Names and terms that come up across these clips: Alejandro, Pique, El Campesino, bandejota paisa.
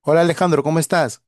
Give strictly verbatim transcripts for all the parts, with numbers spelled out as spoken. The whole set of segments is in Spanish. Hola Alejandro, ¿cómo estás?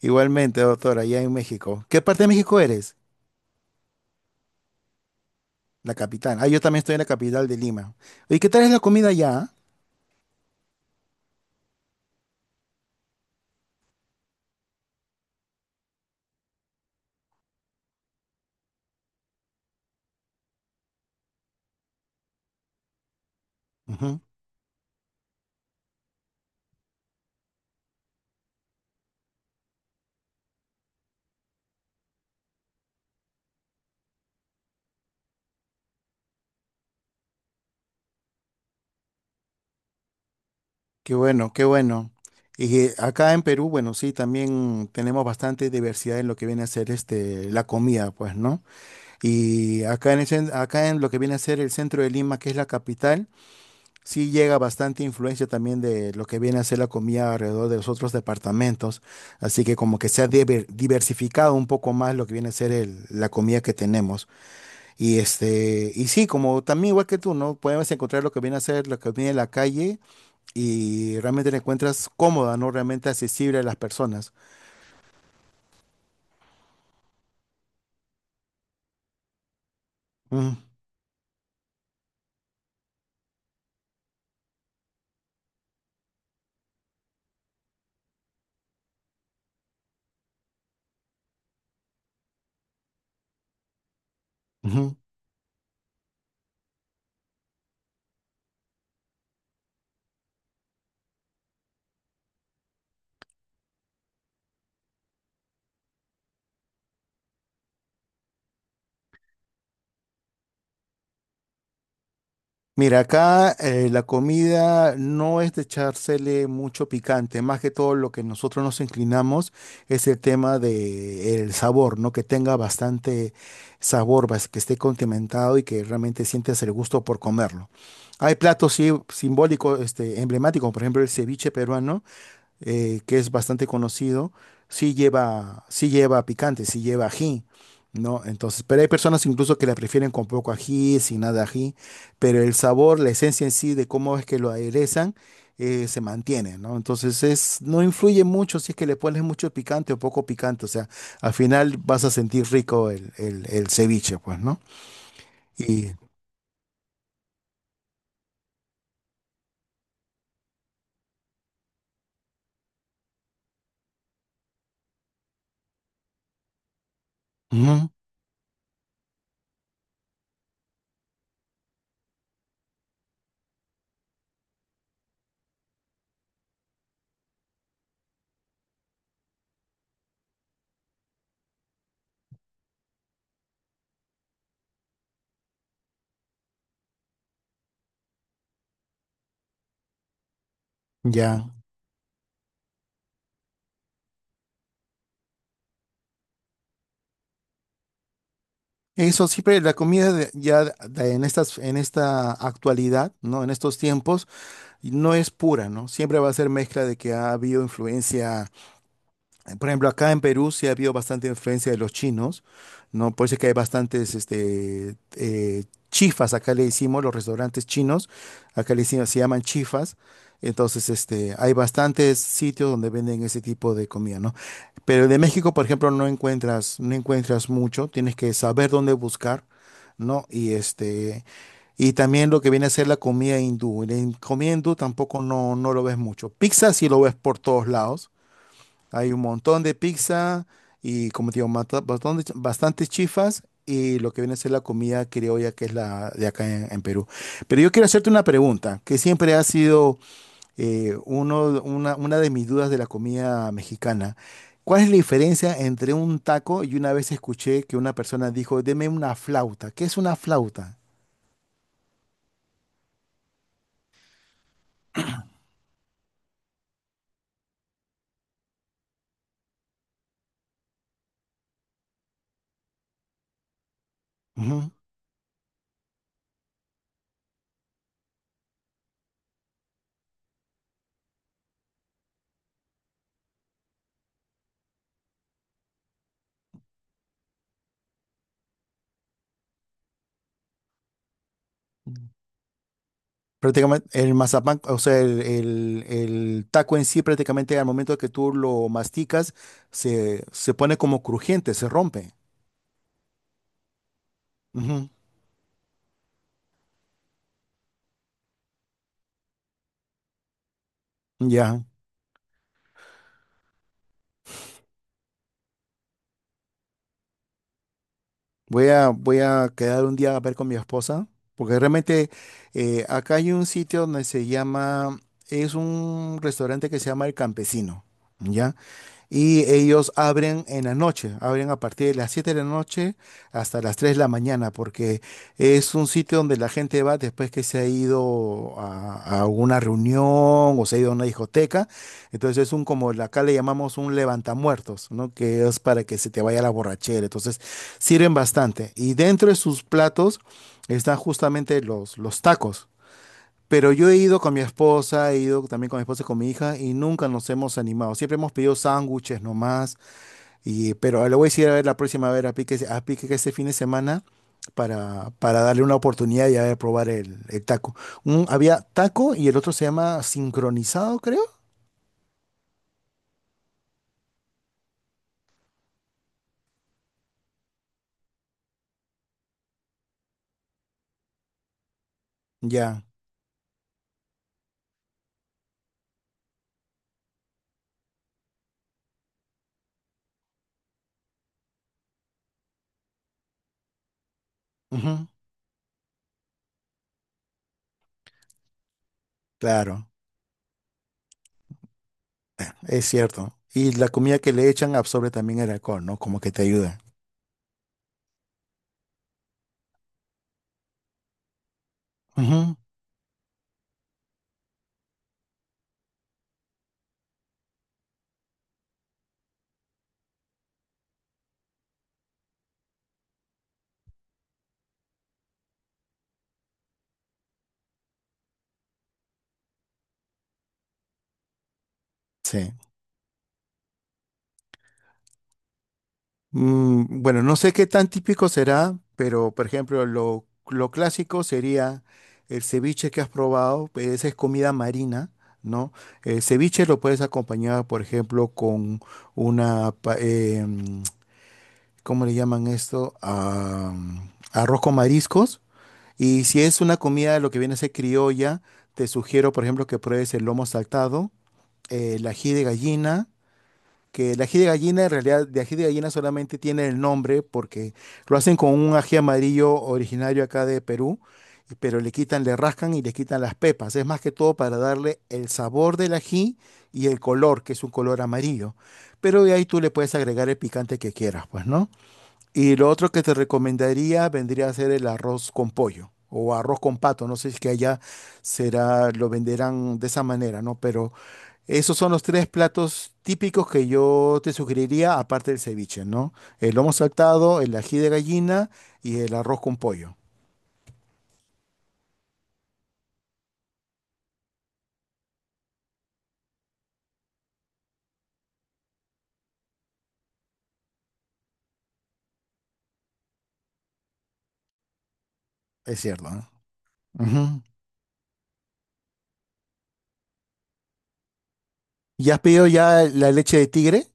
Igualmente, doctora, allá en México. ¿Qué parte de México eres? La capital. Ah, yo también estoy en la capital de Lima. ¿Y qué tal es la comida allá? Ujú. Qué bueno, qué bueno. Y eh, acá en Perú, bueno, sí, también tenemos bastante diversidad en lo que viene a ser este, la comida, pues, ¿no? Y acá en el cen- acá en lo que viene a ser el centro de Lima, que es la capital. Sí llega bastante influencia también de lo que viene a ser la comida alrededor de los otros departamentos, así que como que se ha diver- diversificado un poco más lo que viene a ser el- la comida que tenemos. Y este, y sí, como también igual que tú, ¿no? Podemos encontrar lo que viene a ser la comida en la calle y realmente la encuentras cómoda, ¿no? Realmente accesible a las personas. Mm, ujú. Mira, acá eh, la comida no es de echársele mucho picante, más que todo lo que nosotros nos inclinamos es el tema de el sabor, ¿no? Que tenga bastante sabor, bas- que esté condimentado y que realmente sientas el gusto por comerlo. Hay platos sí, simbólicos, este, emblemáticos, por ejemplo, el ceviche peruano eh, que es bastante conocido, sí lleva, sí lleva picante, sí lleva ají, ¿no? Entonces, pero hay personas incluso que la prefieren con poco ají, sin nada de ají, pero el sabor, la esencia en sí de cómo es que lo aderezan, eh, se mantiene, ¿no? Entonces, es, no influye mucho si es que le pones mucho picante o poco picante, o sea, al final vas a sentir rico el, el, el ceviche, pues, ¿no? Y ujú, ya. Eso siempre la comida de- ya de- en estas, en esta actualidad, ¿no? En estos tiempos, no es pura, ¿no? Siempre va a ser mezcla de que ha habido influencia, por ejemplo, acá en Perú sí ha habido bastante influencia de los chinos, ¿no? Por eso es que hay bastantes este, eh, chifas, acá le decimos, los restaurantes chinos, acá le decimos, se llaman chifas. Entonces, este, hay bastantes sitios donde venden ese tipo de comida, ¿no? Pero de México, por ejemplo, no encuentras, no encuentras mucho, tienes que saber dónde buscar, ¿no? Y este, y también lo que viene a ser la comida hindú. La in- comida hindú tampoco no, no lo ves mucho. Pizza sí lo ves por todos lados. Hay un montón de pizza y, como te digo, mata- bastante, bastantes chifas y lo que viene a ser la comida criolla que es la de acá en, en Perú. Pero yo quiero hacerte una pregunta que siempre ha sido eh, uno, una, una de mis dudas de la comida mexicana. ¿Cuál es la diferencia entre un taco y una vez escuché que una persona dijo, deme una flauta? ¿Qué es una flauta? Ujú. Prácticamente el mazapán, o sea, el, el- el taco en sí prácticamente al momento que tú lo masticas se, se pone como crujiente, se rompe. Ujú, ya. Voy a, voy a, quedar un día a ver con mi esposa, porque realmente eh, acá hay un sitio donde se llama, es un restaurante que se llama El Campesino, ¿ya? Y ellos abren en la noche, abren a partir de las siete de la noche hasta las tres de la mañana, porque es un sitio donde la gente va después que se ha ido a, a una reunión o se ha ido a una discoteca, entonces es un como la- acá le llamamos un levantamuertos, ¿no? Que es para que se te vaya la borrachera, entonces sirven bastante y dentro de sus platos están justamente los, los tacos. Pero yo he ido con mi esposa, he ido también con mi esposa y con mi hija y nunca nos hemos animado. Siempre hemos pedido sándwiches nomás, y, pero le voy a decir a ver la próxima, a ver a Pique, a Pique que este fin de semana para, para darle una oportunidad y a ver probar el, el taco. Un- había taco y el otro se llama sincronizado, creo. Ya, ujú. Claro, es cierto. Y la comida que le echan absorbe también el alcohol, ¿no? Como que te ayuda. Ujú. Sí. Mm, bueno, no sé qué tan típico será, pero por ejemplo, lo, lo clásico sería el ceviche que has probado, pues, esa es comida marina, ¿no? El ceviche lo puedes acompañar, por ejemplo, con una, pa- eh, mm, ¿cómo le llaman esto? Ah, arroz con mariscos. Y si es una comida, lo que viene a ser criolla, te sugiero, por ejemplo, que pruebes el lomo saltado, el ají de gallina, que el ají de gallina, en realidad, de ají de gallina solamente tiene el nombre porque lo hacen con un ají amarillo originario acá de Perú, y- pero le quitan, le rascan y le quitan las pepas. Es más que todo para darle el sabor del ají y el color, que es un color amarillo. Pero de ahí tú le puedes agregar el picante que quieras, pues, ¿no? Y lo otro que te recomendaría vendría a ser el arroz con pollo o arroz con pato. No sé si es que allá será, lo venderán de esa manera, ¿no? Pero esos son los tres platos típicos que yo te sugeriría, aparte del ceviche, ¿no? El lomo saltado, el ají de gallina y el arroz con pollo. Es cierto, ¿no? Ujú. ¿Ya has pedido ya la leche de tigre?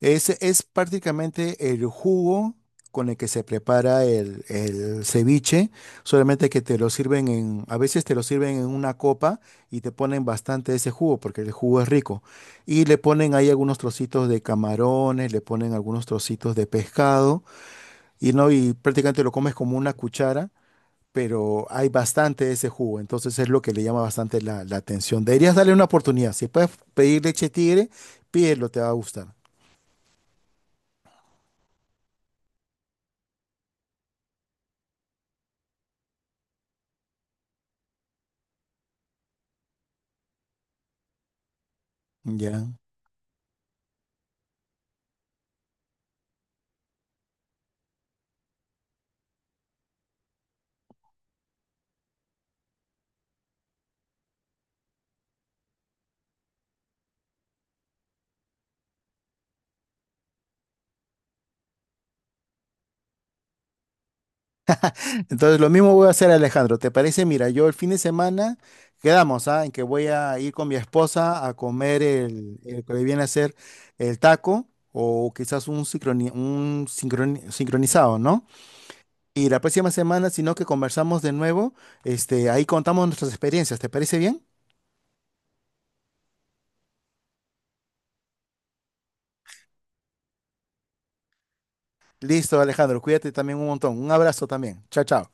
Es, es prácticamente el jugo con el que se prepara el, el ceviche, solamente que te lo sirven en, a veces te lo sirven en una copa y te ponen bastante ese jugo porque el jugo es rico. Y le ponen ahí algunos trocitos de camarones, le ponen algunos trocitos de pescado y no, y prácticamente lo comes como una cuchara, pero hay bastante de ese jugo, entonces es lo que le llama bastante la, la atención. Deberías darle una oportunidad. Si puedes pedir leche tigre, pídelo, te va a gustar. Ya. Entonces lo mismo voy a hacer Alejandro, ¿te parece? Mira, yo el fin de semana quedamos, ¿ah? En que voy a ir con mi esposa a comer el, el que le viene a ser el taco o quizás un, sincroni- un sincroni- sincronizado, ¿no? Y la próxima semana, si no, que conversamos de nuevo, este, ahí contamos nuestras experiencias, ¿te parece bien? Listo, Alejandro, cuídate también un montón. Un abrazo también. Chao, chao.